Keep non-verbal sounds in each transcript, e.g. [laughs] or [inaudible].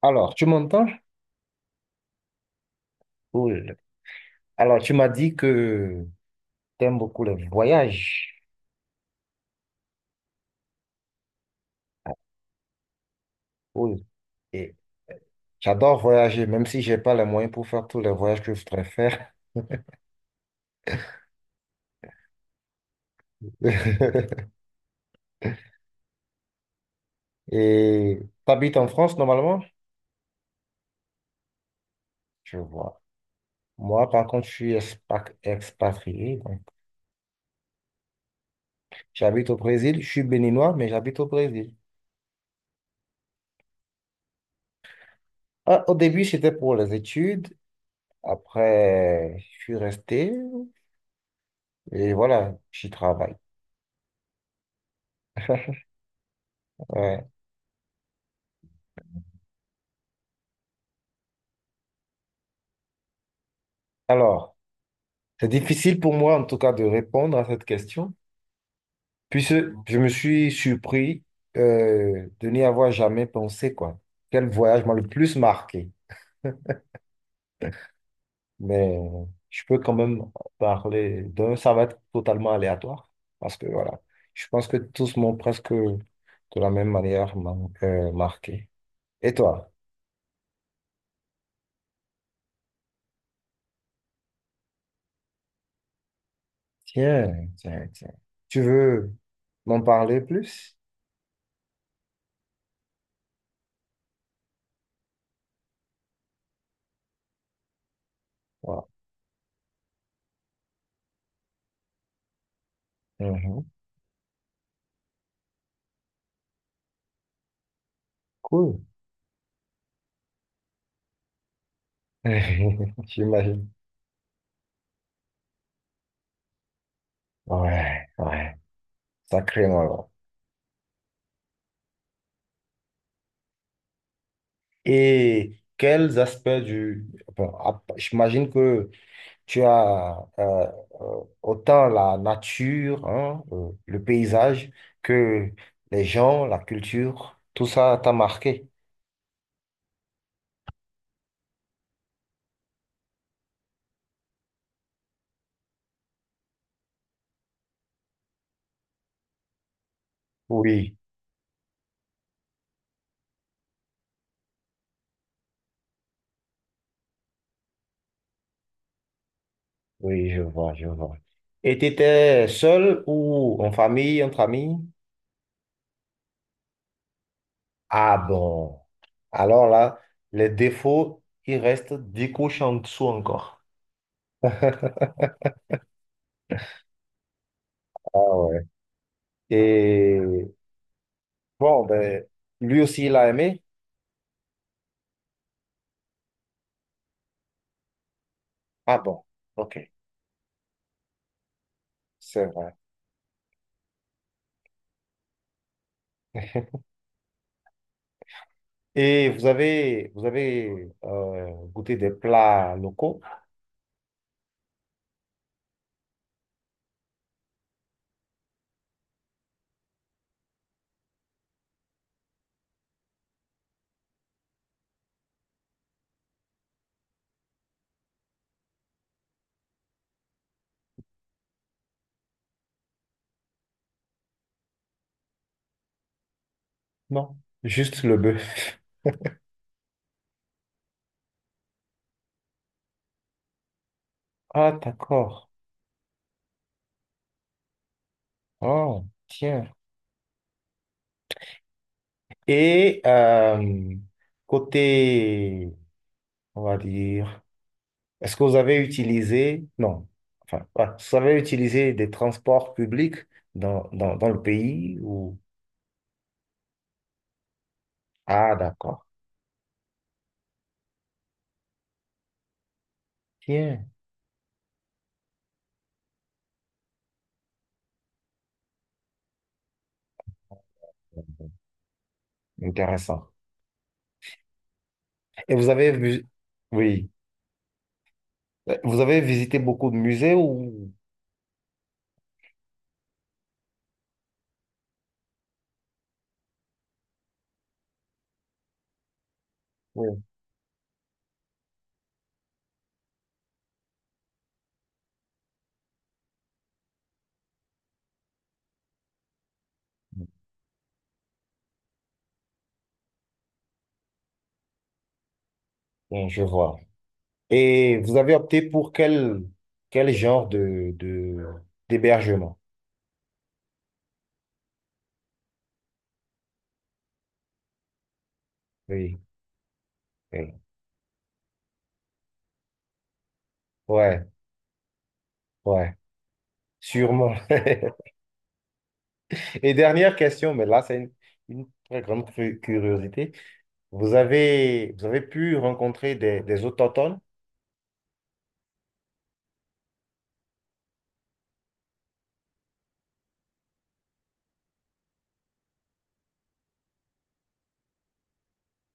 Alors, tu m'entends? Cool. Alors, tu m'as dit que tu aimes beaucoup les voyages. Cool. Et j'adore voyager, même si j'ai pas les moyens pour faire tous les voyages que je voudrais faire. [laughs] Et tu habites en France normalement? Je vois. Moi, par contre, je suis expatrié, donc, j'habite au Brésil. Je suis béninois, mais j'habite au Brésil. Ah, au début, c'était pour les études. Après, je suis resté. Et voilà, j'y travaille. Ouais. Alors. C'est difficile pour moi, en tout cas, de répondre à cette question, puisque je me suis surpris de n'y avoir jamais pensé, quoi. Quel voyage m'a le plus marqué? Mais je peux quand même parler d'un, ça va être totalement aléatoire, parce que voilà, je pense que tous m'ont presque de la même manière marqué. Et toi? Tiens, tiens, tiens. Tu veux m'en parler plus? Voilà. Mhm. Cool. [laughs] J'imagine. Ouais, ouais. Sacrément alors. Et quels aspects du bon, j'imagine que tu as autant la nature, hein, le paysage, que les gens, la culture, tout ça t'a marqué. Oui, oui, je vois, je vois. Et tu étais seul ou en famille, entre amis? Ah bon. Alors là, les défauts, ils restent 10 couches en dessous encore. [laughs] Ah ouais. Et bon, ben, lui aussi, il a aimé. Ah bon, ok, c'est vrai. Et vous avez goûté des plats locaux? Non, juste le bœuf. Ah, d'accord. Oh, tiens. Et côté, on va dire, est-ce que vous avez utilisé, non, enfin, ouais, vous avez utilisé des transports publics dans le pays ou. Ah, d'accord. Tiens, intéressant. Et vous avez vu, oui. Ben, vous avez visité beaucoup de musées ou? Oui, bon, je vois. Et vous avez opté pour quel genre d'hébergement? Oui, oui. Ouais, ouais, sûrement. [laughs] Et dernière question, mais là, c'est une très grande curiosité. Vous avez pu rencontrer des autochtones?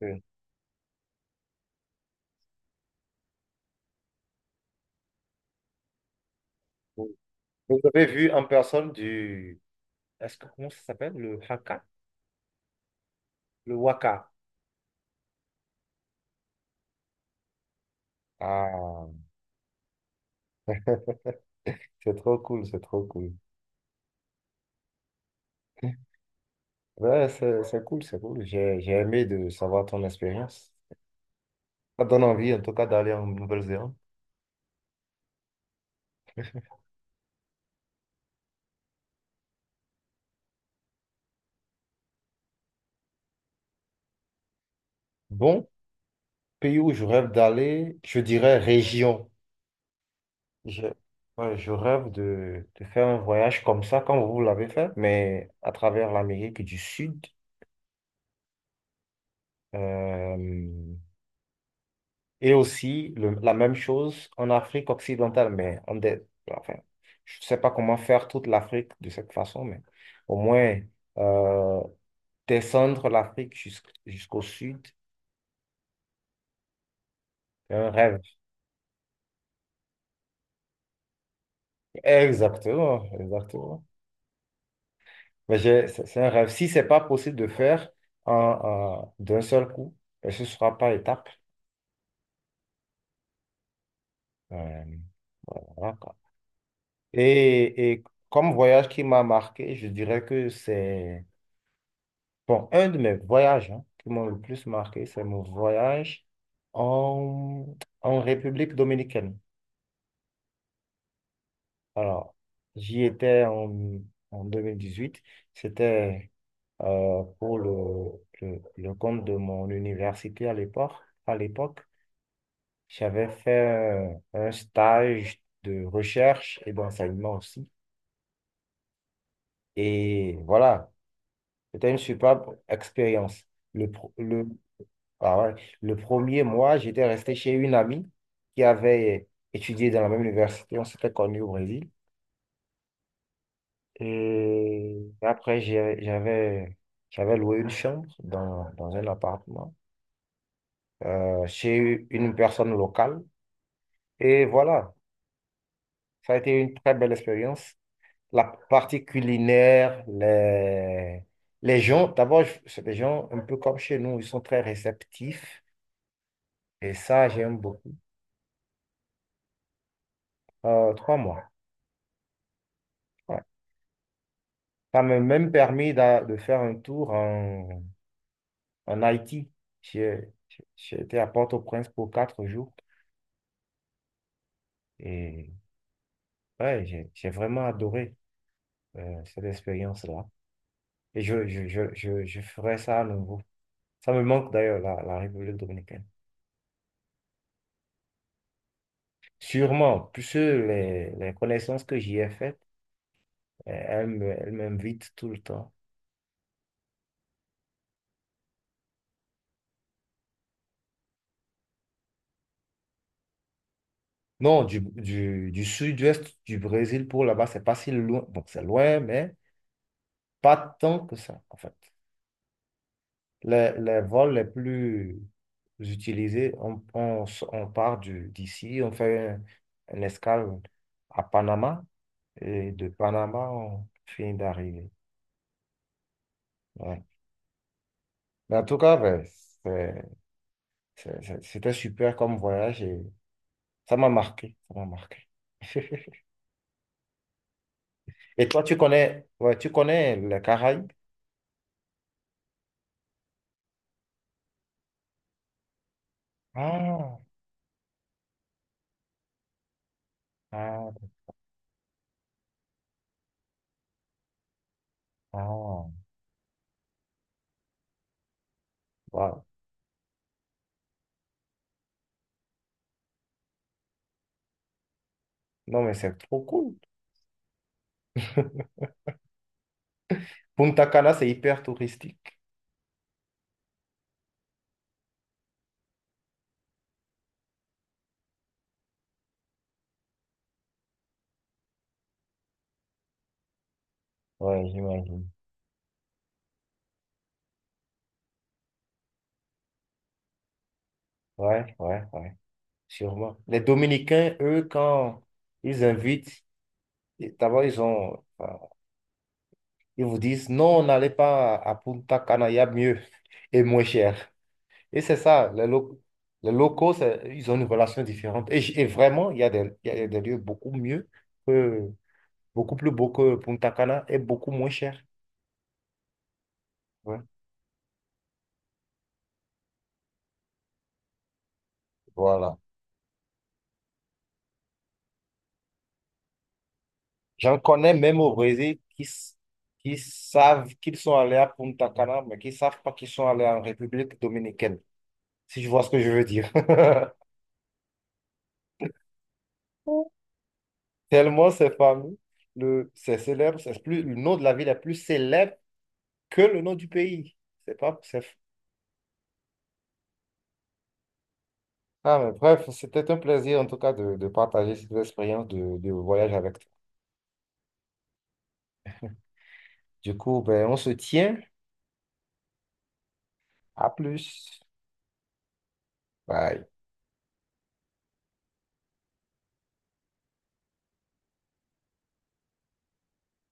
Oui. Vous avez vu en personne du. Est-ce que, comment ça s'appelle? Le Haka? Le Waka. Ah, c'est trop cool, c'est trop cool. Ouais, c'est cool, c'est cool. J'ai aimé de savoir ton expérience. Ça donne envie, en tout cas, d'aller en Nouvelle-Zélande. Bon, pays où je rêve d'aller, je dirais région. Je, ouais, je rêve de faire un voyage comme ça, comme vous l'avez fait, mais à travers l'Amérique du Sud. euh, et aussi la même chose en Afrique occidentale, mais enfin, je ne sais pas comment faire toute l'Afrique de cette façon, mais au moins, euh, descendre l'Afrique jusqu'au sud, c'est un rêve. Exactement, exactement. Mais c'est un rêve. Si c'est pas possible de faire en, d'un seul coup, ben, ce sera par étapes. Euh, voilà, quoi. Et comme voyage qui m'a marqué, je dirais que c'est bon, un de mes voyages hein, qui m'ont le plus marqué, c'est mon voyage en, en, République dominicaine. Alors, j'y étais en 2018. C'était pour le compte de mon université à l'époque. À l'époque, j'avais fait un stage de recherche et d'enseignement aussi. Et voilà, c'était une superbe expérience. Le, pro- le, ah ouais, le premier mois, j'étais resté chez une amie qui avait étudié dans la même université. On s'était connus au Brésil. Et après, j'avais loué une chambre dans un appartement chez une personne locale. Et voilà, ça a été une très belle expérience. La partie culinaire, les gens, d'abord, c'est des gens un peu comme chez nous, ils sont très réceptifs. Et ça, j'aime beaucoup. 3 mois. Ouais. Ça m'a même permis de faire un tour en Haïti. J'ai j'ai été à Port-au-Prince pour 4 jours. et Ouais, j'ai vraiment adoré cette expérience-là. Et je ferai ça à nouveau. Ça me manque d'ailleurs, la République dominicaine. Sûrement, puisque les connaissances que j'y ai faites, elles m'invitent tout le temps. Non, du sud-ouest du Brésil pour là-bas, c'est pas si loin. Bon, c'est loin, mais pas tant que ça, en fait. Les vols les plus utilisés, on part d'ici, on fait une escale à Panama. Et de Panama, on finit d'arriver. Ouais. Mais en tout cas, ben, c'est- c'était super comme voyage et ça m'a marqué. Ça m'a marqué. [laughs] Et toi, tu connais, ouais, tu connais les Caraïbes? Ah, ah, ah, waouh. Non, mais c'est trop cool. [laughs] Punta Cana, c'est hyper touristique. Ouais, j'imagine. Ouais, ouais, ouais, sûrement. Les Dominicains, eux, quand ils invitent, d'abord, ils vous disent, non, n'allez pas à Punta Cana, il y a mieux et moins cher. Et c'est ça, les locaux, ils ont une relation différente. Et vraiment, il y a des lieux beaucoup mieux, que, beaucoup plus beaux que Punta Cana et beaucoup moins cher. Ouais. Voilà. J'en connais même au Brésil qui savent qu'ils sont allés à Punta Cana, mais qui ne savent pas qu'ils sont allés en République dominicaine, si je vois ce que je veux dire. [laughs] Tellement c'est fameux, c'est célèbre, le nom de la ville est plus célèbre que le nom du pays. C'est pas, c'est, Ah, mais bref, c'était un plaisir en tout cas de partager cette expérience de voyage avec toi. Du coup, ben, on se tient. À plus. Bye.